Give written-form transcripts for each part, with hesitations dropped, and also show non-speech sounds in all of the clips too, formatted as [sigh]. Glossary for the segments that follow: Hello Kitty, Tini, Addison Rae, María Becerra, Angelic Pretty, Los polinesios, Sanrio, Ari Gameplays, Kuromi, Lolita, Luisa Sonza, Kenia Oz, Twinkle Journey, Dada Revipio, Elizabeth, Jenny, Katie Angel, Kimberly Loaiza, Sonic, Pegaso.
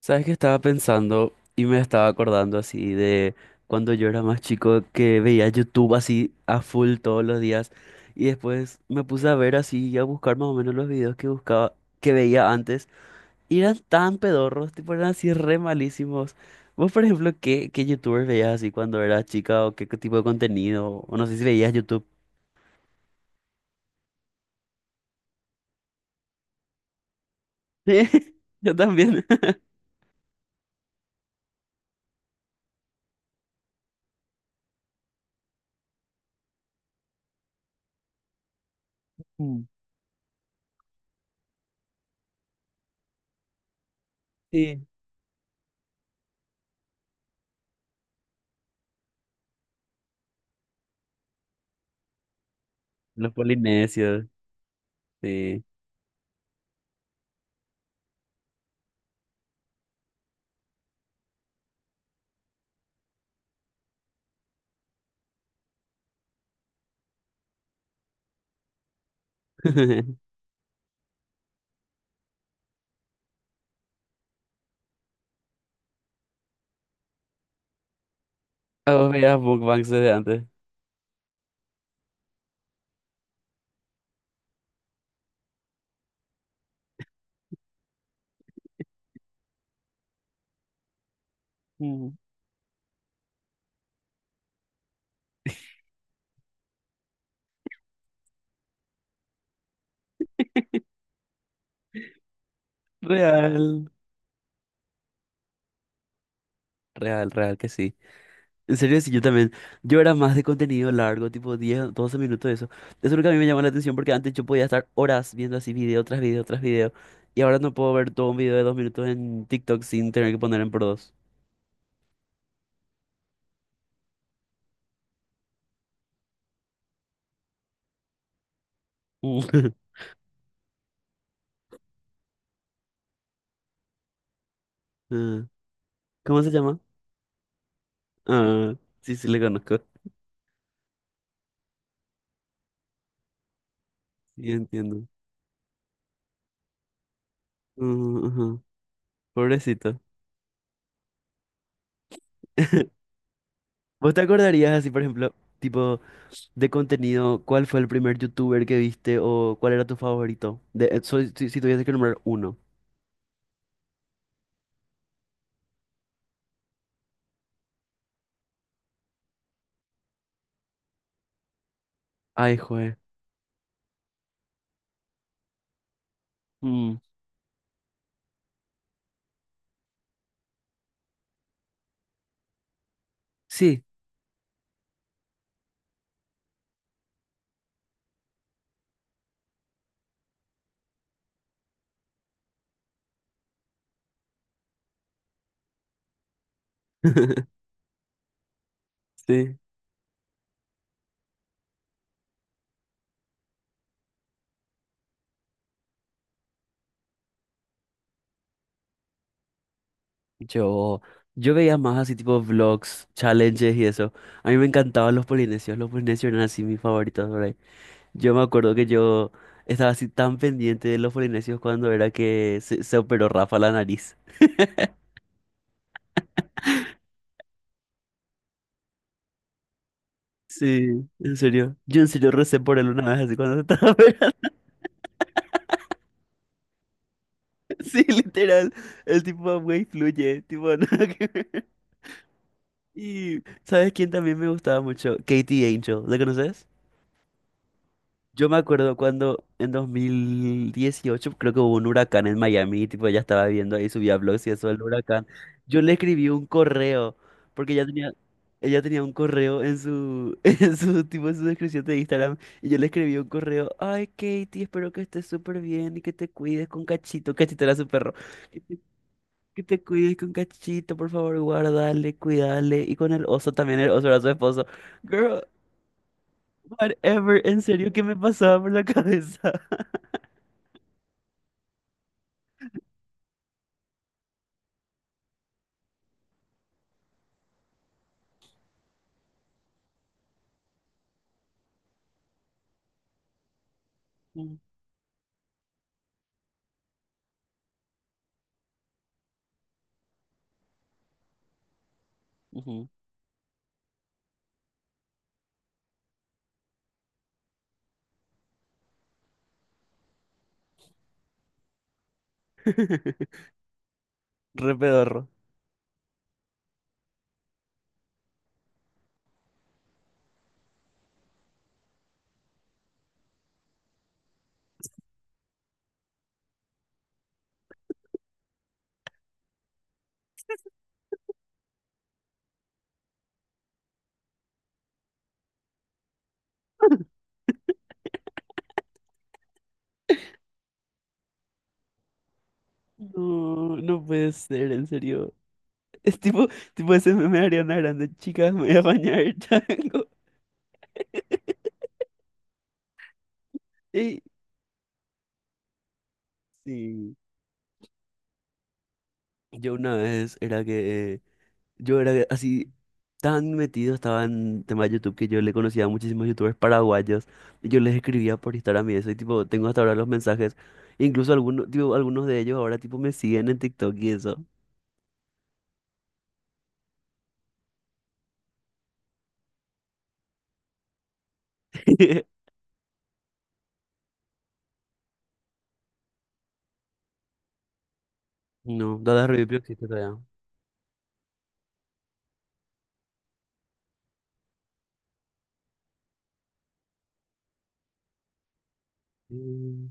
¿Sabes qué estaba pensando y me estaba acordando así de cuando yo era más chico que veía YouTube así a full todos los días y después me puse a ver así y a buscar más o menos los videos que buscaba, que veía antes y eran tan pedorros, tipo eran así re malísimos. Vos, por ejemplo, ¿qué YouTubers veías así cuando eras chica o qué tipo de contenido? O no sé si veías YouTube. [laughs] Yo también. [laughs] Mm. Sí. Los polinesios, sí. [laughs] ¿A vos veías mukbangs desde antes? Real, Real que sí. En serio, sí, yo también. Yo era más de contenido largo, tipo 10, 12 minutos, eso. Eso es lo que a mí me llama la atención porque antes yo podía estar horas viendo así video tras video tras video. Y ahora no puedo ver todo un video de dos minutos en TikTok sin tener que poner en por dos. Mm. [laughs] Ah, ¿cómo se llama? Ah, sí, sí, le conozco. Sí, entiendo. Mm, ujú. Pobrecito. [laughs] ¿Vos te acordarías así, por ejemplo, tipo? De contenido, ¿cuál fue el primer youtuber que viste o cuál era tu favorito? De, soy- si tuviese que nombrar uno. Ay, joder. Mm, sí. [laughs] Sí. Yo, yo veía más así tipo vlogs, challenges y eso. A mí me encantaban los polinesios. Los polinesios eran así mis favoritos por ahí. Yo me acuerdo que yo estaba así tan pendiente de los polinesios cuando era que se operó Rafa la nariz. [laughs] Sí, en serio. Yo en serio recé por él una vez así cuando se estaba [laughs] operando. [laughs] Sí, literal. El tipo, güey, fluye. Tipo, [laughs] nada que ver. Y, ¿sabes quién también me gustaba mucho? Katie Angel. ¿La conoces? Yo me acuerdo cuando en 2018 creo que hubo un huracán en Miami, tipo ella estaba viendo ahí, subía blogs y eso del huracán. Yo le escribí un correo, porque ella tenía un correo en [laughs] en tipo, en su descripción de Instagram, y yo le escribí un correo, ay Katie, espero que estés súper bien y que te cuides con Cachito. Cachito era su perro. Que te cuides con Cachito, por favor, guardale, cuidale. Y con el oso también, el oso era su esposo. Girl, whatever, en serio, ¿qué me pasaba por la cabeza? Mm, ujú. [laughs] Re pedorro. No, no puede ser, en serio. Es tipo, tipo ese meme de Ariana Grande, chicas, me voy a bañar, chango. [laughs] Y sí. Yo una vez era que yo era así tan metido, estaba en tema de YouTube, que yo le conocía a muchísimos YouTubers paraguayos y yo les escribía por Instagram y eso y tipo, tengo hasta ahora los mensajes. Incluso algunos, tipo, algunos de ellos ahora tipo me siguen en TikTok y eso. [laughs] No, Dada Revipio existe todavía. Mm,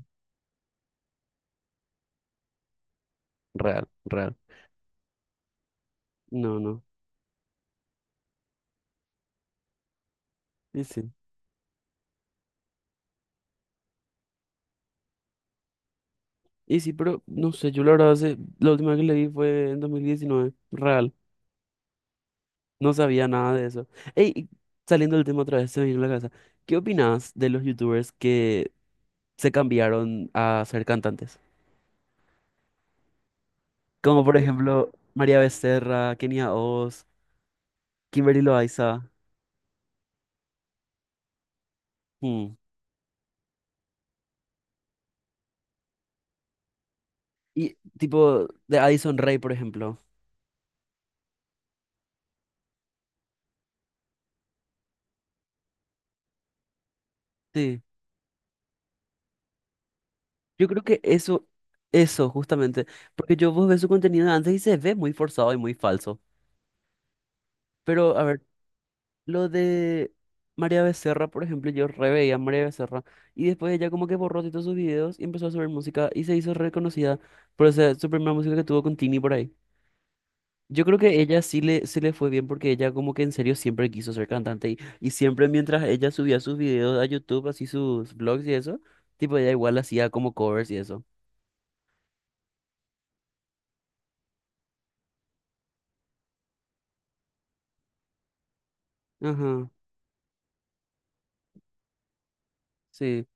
real, real. No, no. Y sí. Y sí, pero no sé, yo la verdad hace- la última vez que le vi fue en dos mil diecinueve. Real. No sabía nada de eso. Ey, y saliendo del tema otra vez, se me vino a la cabeza. ¿Qué opinas de los youtubers que se cambiaron a ser cantantes? Como por ejemplo María Becerra, Kenia Oz, Kimberly Loaiza. Mm. Y tipo de Addison Rae, por ejemplo. Sí. Yo creo que eso justamente. Porque yo vos ves su contenido de antes y se ve muy forzado y muy falso. Pero a ver, lo de María Becerra, por ejemplo, yo re veía a María Becerra. Y después ella como que borró todos sus videos y empezó a subir música y se hizo reconocida por esa, su primera música que tuvo con Tini por ahí. Yo creo que ella sí le fue bien porque ella como que en serio siempre quiso ser cantante y siempre mientras ella subía sus videos a YouTube, así sus vlogs y eso, tipo ella igual hacía como covers y eso. Ajá, sí.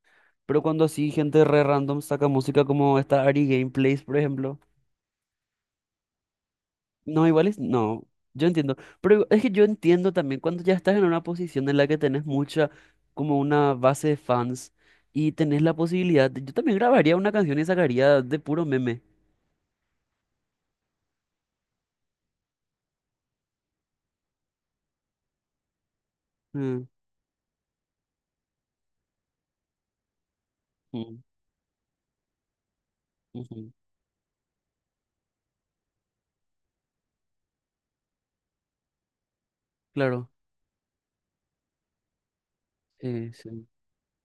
Pero cuando así gente re random saca música como esta Ari Gameplays, por ejemplo. No, igual es, no, yo entiendo. Pero es que yo entiendo también cuando ya estás en una posición en la que tenés mucha, como una base de fans y tenés la posibilidad, de- yo también grabaría una canción y sacaría de puro meme. Mm, mm, ujú. Claro, sí.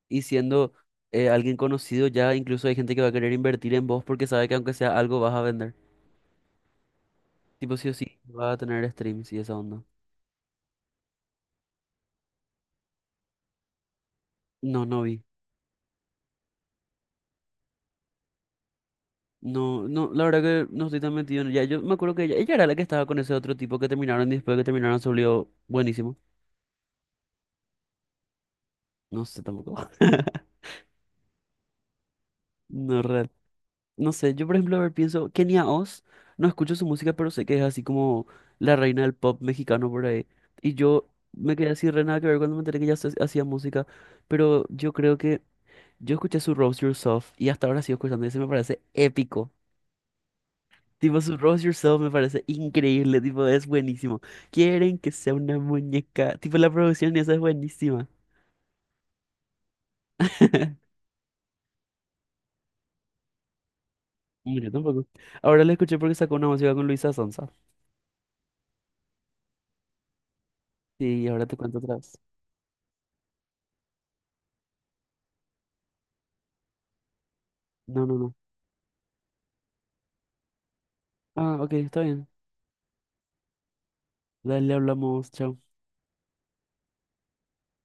Y siendo alguien conocido, ya incluso hay gente que va a querer invertir en vos porque sabe que aunque sea algo vas a vender. Tipo, sí o sí, va a tener streams y esa onda. No, no vi. No, no, la verdad que no estoy tan metido en ella. Yo me acuerdo que ella era la que estaba con ese otro tipo que terminaron y después de que terminaron se volvió buenísimo. No sé tampoco. [laughs] No, real. No sé, yo por ejemplo, a ver, pienso, Kenia Oz, no escucho su música, pero sé que es así como la reina del pop mexicano por ahí. Y yo me quedé así re nada que ver cuando me enteré que ella hace- hacía música, pero yo creo que yo escuché su Rose Yourself y hasta ahora sigo escuchando y ese me parece épico. Tipo, su Rose Yourself me parece increíble, tipo, es buenísimo. Quieren que sea una muñeca, tipo, la producción esa es buenísima. [laughs] Mira, tampoco. Ahora la escuché porque sacó una música con Luisa Sonza. Sí, ahora te cuento otra vez. No, no, no. Ah, ok, está bien. Dale, hablamos, chao.